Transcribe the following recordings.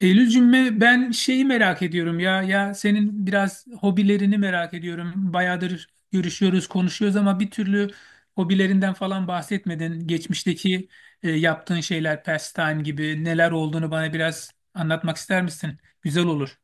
Eylülcüğüm ben şeyi merak ediyorum ya senin biraz hobilerini merak ediyorum. Bayağıdır görüşüyoruz, konuşuyoruz ama bir türlü hobilerinden falan bahsetmedin. Geçmişteki yaptığın şeyler, pastime gibi neler olduğunu bana biraz anlatmak ister misin? Güzel olur.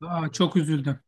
Aa, çok üzüldüm.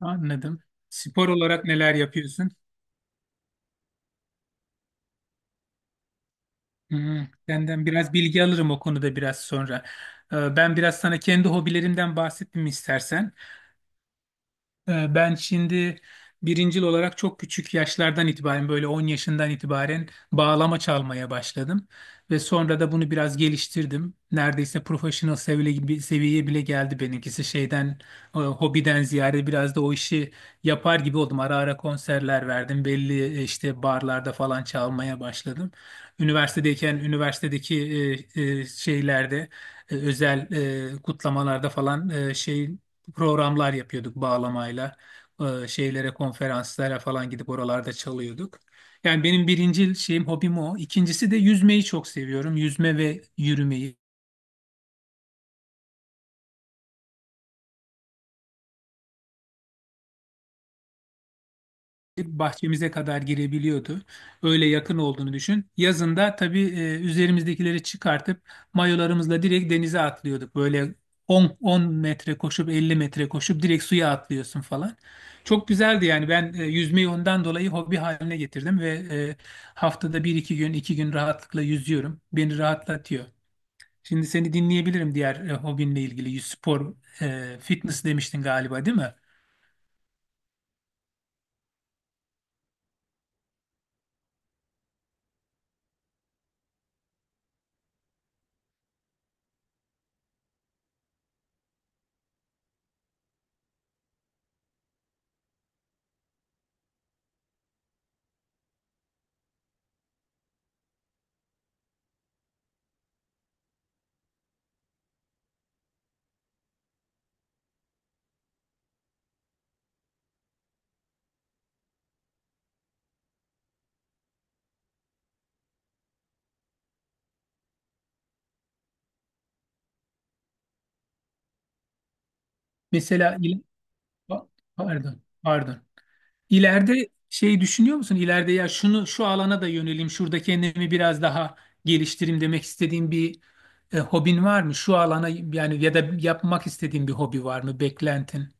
Anladım. Spor olarak neler yapıyorsun? Hmm, senden biraz bilgi alırım o konuda biraz sonra. Ben biraz sana kendi hobilerimden bahsettim istersen. Ben şimdi birincil olarak çok küçük yaşlardan itibaren böyle 10 yaşından itibaren bağlama çalmaya başladım. Ve sonra da bunu biraz geliştirdim. Neredeyse profesyonel seviye gibi, seviyeye bile geldi benimkisi. Şeyden, hobiden ziyade biraz da o işi yapar gibi oldum. Ara ara konserler verdim. Belli işte barlarda falan çalmaya başladım. Üniversitedeyken üniversitedeki şeylerde, özel kutlamalarda falan şey programlar yapıyorduk bağlamayla. Şeylere, konferanslara falan gidip oralarda çalıyorduk. Yani benim birinci şeyim, hobim o. İkincisi de yüzmeyi çok seviyorum. Yüzme ve yürümeyi. Bahçemize kadar girebiliyordu. Öyle yakın olduğunu düşün. Yazında tabii üzerimizdekileri çıkartıp mayolarımızla direkt denize atlıyorduk. Böyle 10 metre koşup 50 metre koşup direkt suya atlıyorsun falan. Çok güzeldi yani ben yüzmeyi ondan dolayı hobi haline getirdim ve haftada bir iki gün rahatlıkla yüzüyorum. Beni rahatlatıyor. Şimdi seni dinleyebilirim diğer hobinle ilgili. Spor, fitness demiştin galiba değil mi? Mesela il- Pa- Pardon, pardon. İleride şey düşünüyor musun? İleride ya şu alana da yöneleyim, şurada kendimi biraz daha geliştireyim demek istediğin bir hobin var mı? Şu alana yani ya da yapmak istediğin bir hobi var mı? Beklentin?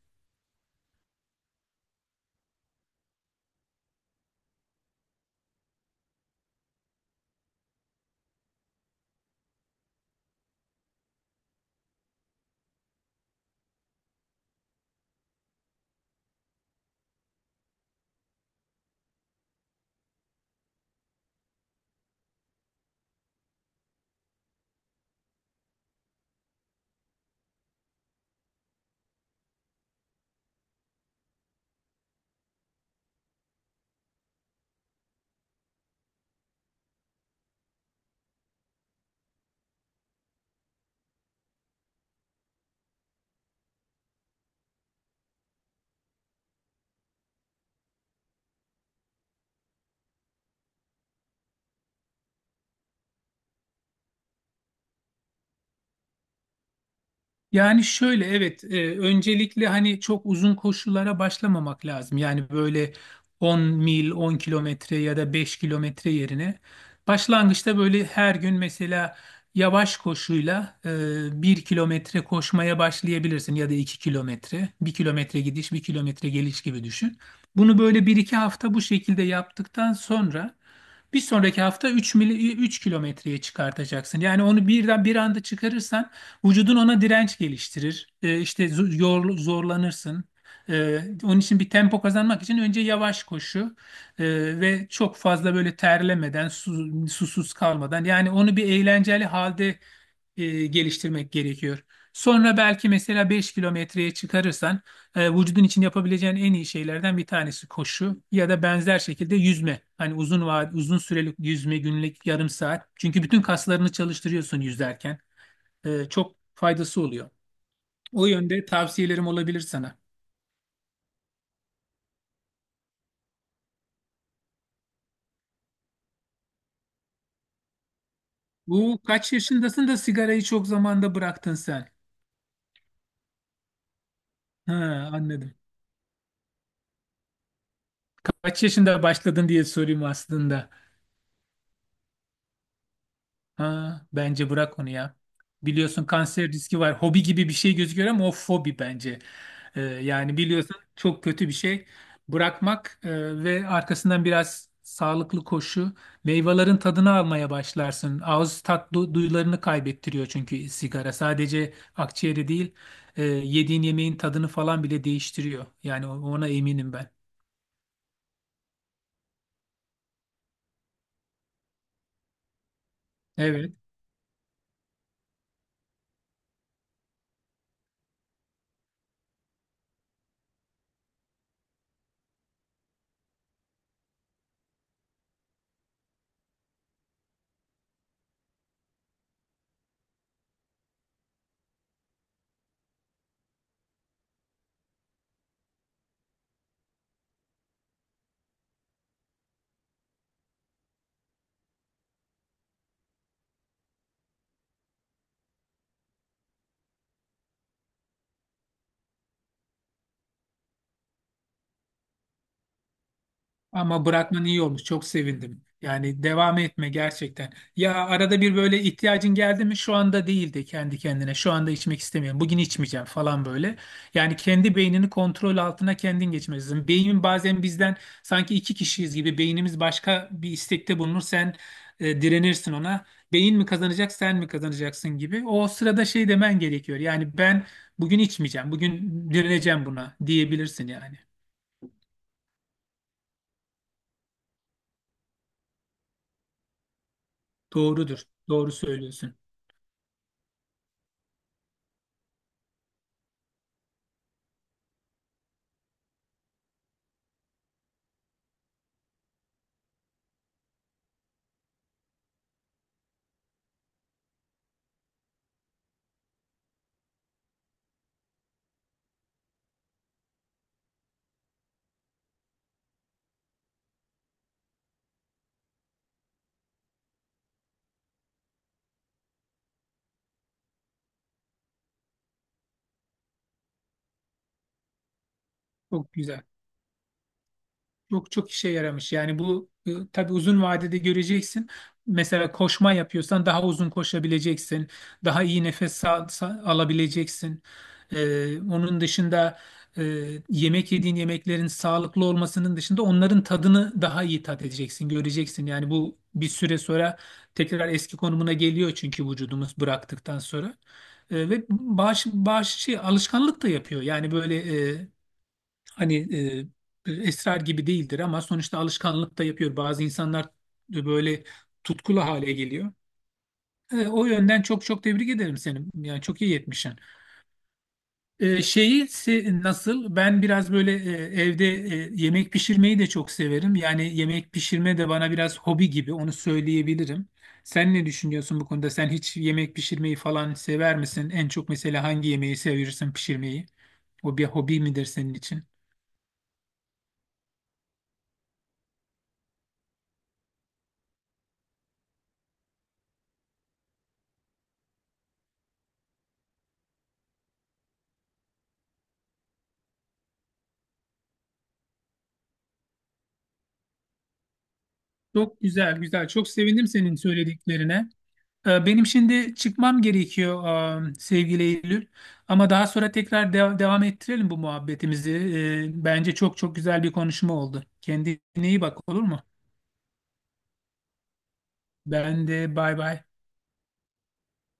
Yani şöyle evet, öncelikle hani çok uzun koşulara başlamamak lazım. Yani böyle 10 kilometre ya da 5 kilometre yerine başlangıçta böyle her gün mesela yavaş koşuyla 1 kilometre koşmaya başlayabilirsin ya da 2 kilometre. 1 kilometre gidiş, 1 kilometre geliş gibi düşün. Bunu böyle bir iki hafta bu şekilde yaptıktan sonra bir sonraki hafta 3 kilometreye çıkartacaksın. Yani onu birden bir anda çıkarırsan vücudun ona direnç geliştirir. İşte zorlanırsın. Onun için bir tempo kazanmak için önce yavaş koşu e, ve çok fazla böyle terlemeden, susuz kalmadan yani onu bir eğlenceli halde geliştirmek gerekiyor. Sonra belki mesela 5 kilometreye çıkarırsan vücudun için yapabileceğin en iyi şeylerden bir tanesi koşu ya da benzer şekilde yüzme. Hani uzun süreli yüzme, günlük yarım saat. Çünkü bütün kaslarını çalıştırıyorsun yüzerken, çok faydası oluyor. O yönde tavsiyelerim olabilir sana. Bu kaç yaşındasın da sigarayı çok zamanda bıraktın sen? Ha, anladım. Kaç yaşında başladın diye sorayım aslında. Ha, bence bırak onu ya. Biliyorsun kanser riski var. Hobi gibi bir şey gözüküyor ama o fobi bence. Yani biliyorsun çok kötü bir şey. Bırakmak ve arkasından biraz sağlıklı koşu, meyvelerin tadını almaya başlarsın. Ağız tat duyularını kaybettiriyor çünkü sigara. Sadece akciğeri değil, yediğin yemeğin tadını falan bile değiştiriyor. Yani ona eminim ben. Evet. Ama bırakman iyi olmuş. Çok sevindim. Yani devam etme gerçekten. Ya arada bir böyle ihtiyacın geldi mi? Şu anda değil de kendi kendine. Şu anda içmek istemiyorum. Bugün içmeyeceğim falan böyle. Yani kendi beynini kontrol altına kendin geçmelisin. Beynin bazen bizden sanki iki kişiyiz gibi beynimiz başka bir istekte bulunur. Sen direnirsin ona. Beyin mi kazanacak, sen mi kazanacaksın gibi. O sırada şey demen gerekiyor. Yani ben bugün içmeyeceğim. Bugün direneceğim buna diyebilirsin yani. Doğrudur. Doğru söylüyorsun. Çok güzel. Çok çok işe yaramış. Yani bu tabii uzun vadede göreceksin. Mesela koşma yapıyorsan daha uzun koşabileceksin. Daha iyi nefes alabileceksin. Onun dışında, e, yemek yediğin yemeklerin sağlıklı olmasının dışında onların tadını daha iyi tat edeceksin, göreceksin. Yani bu bir süre sonra tekrar eski konumuna geliyor çünkü vücudumuz bıraktıktan sonra. Ve alışkanlık da yapıyor. Yani böyle, hani esrar gibi değildir ama sonuçta alışkanlık da yapıyor. Bazı insanlar böyle tutkulu hale geliyor. O yönden çok çok tebrik ederim seni. Yani çok iyi yetmişsin. Nasıl? Ben biraz böyle evde yemek pişirmeyi de çok severim. Yani yemek pişirme de bana biraz hobi gibi, onu söyleyebilirim. Sen ne düşünüyorsun bu konuda? Sen hiç yemek pişirmeyi falan sever misin? En çok mesela hangi yemeği seviyorsun pişirmeyi? O bir hobi midir senin için? Çok güzel, güzel. Çok sevindim senin söylediklerine. Benim şimdi çıkmam gerekiyor, sevgili Eylül. Ama daha sonra tekrar devam ettirelim bu muhabbetimizi. Bence çok çok güzel bir konuşma oldu. Kendine iyi bak, olur mu? Ben de bay bay.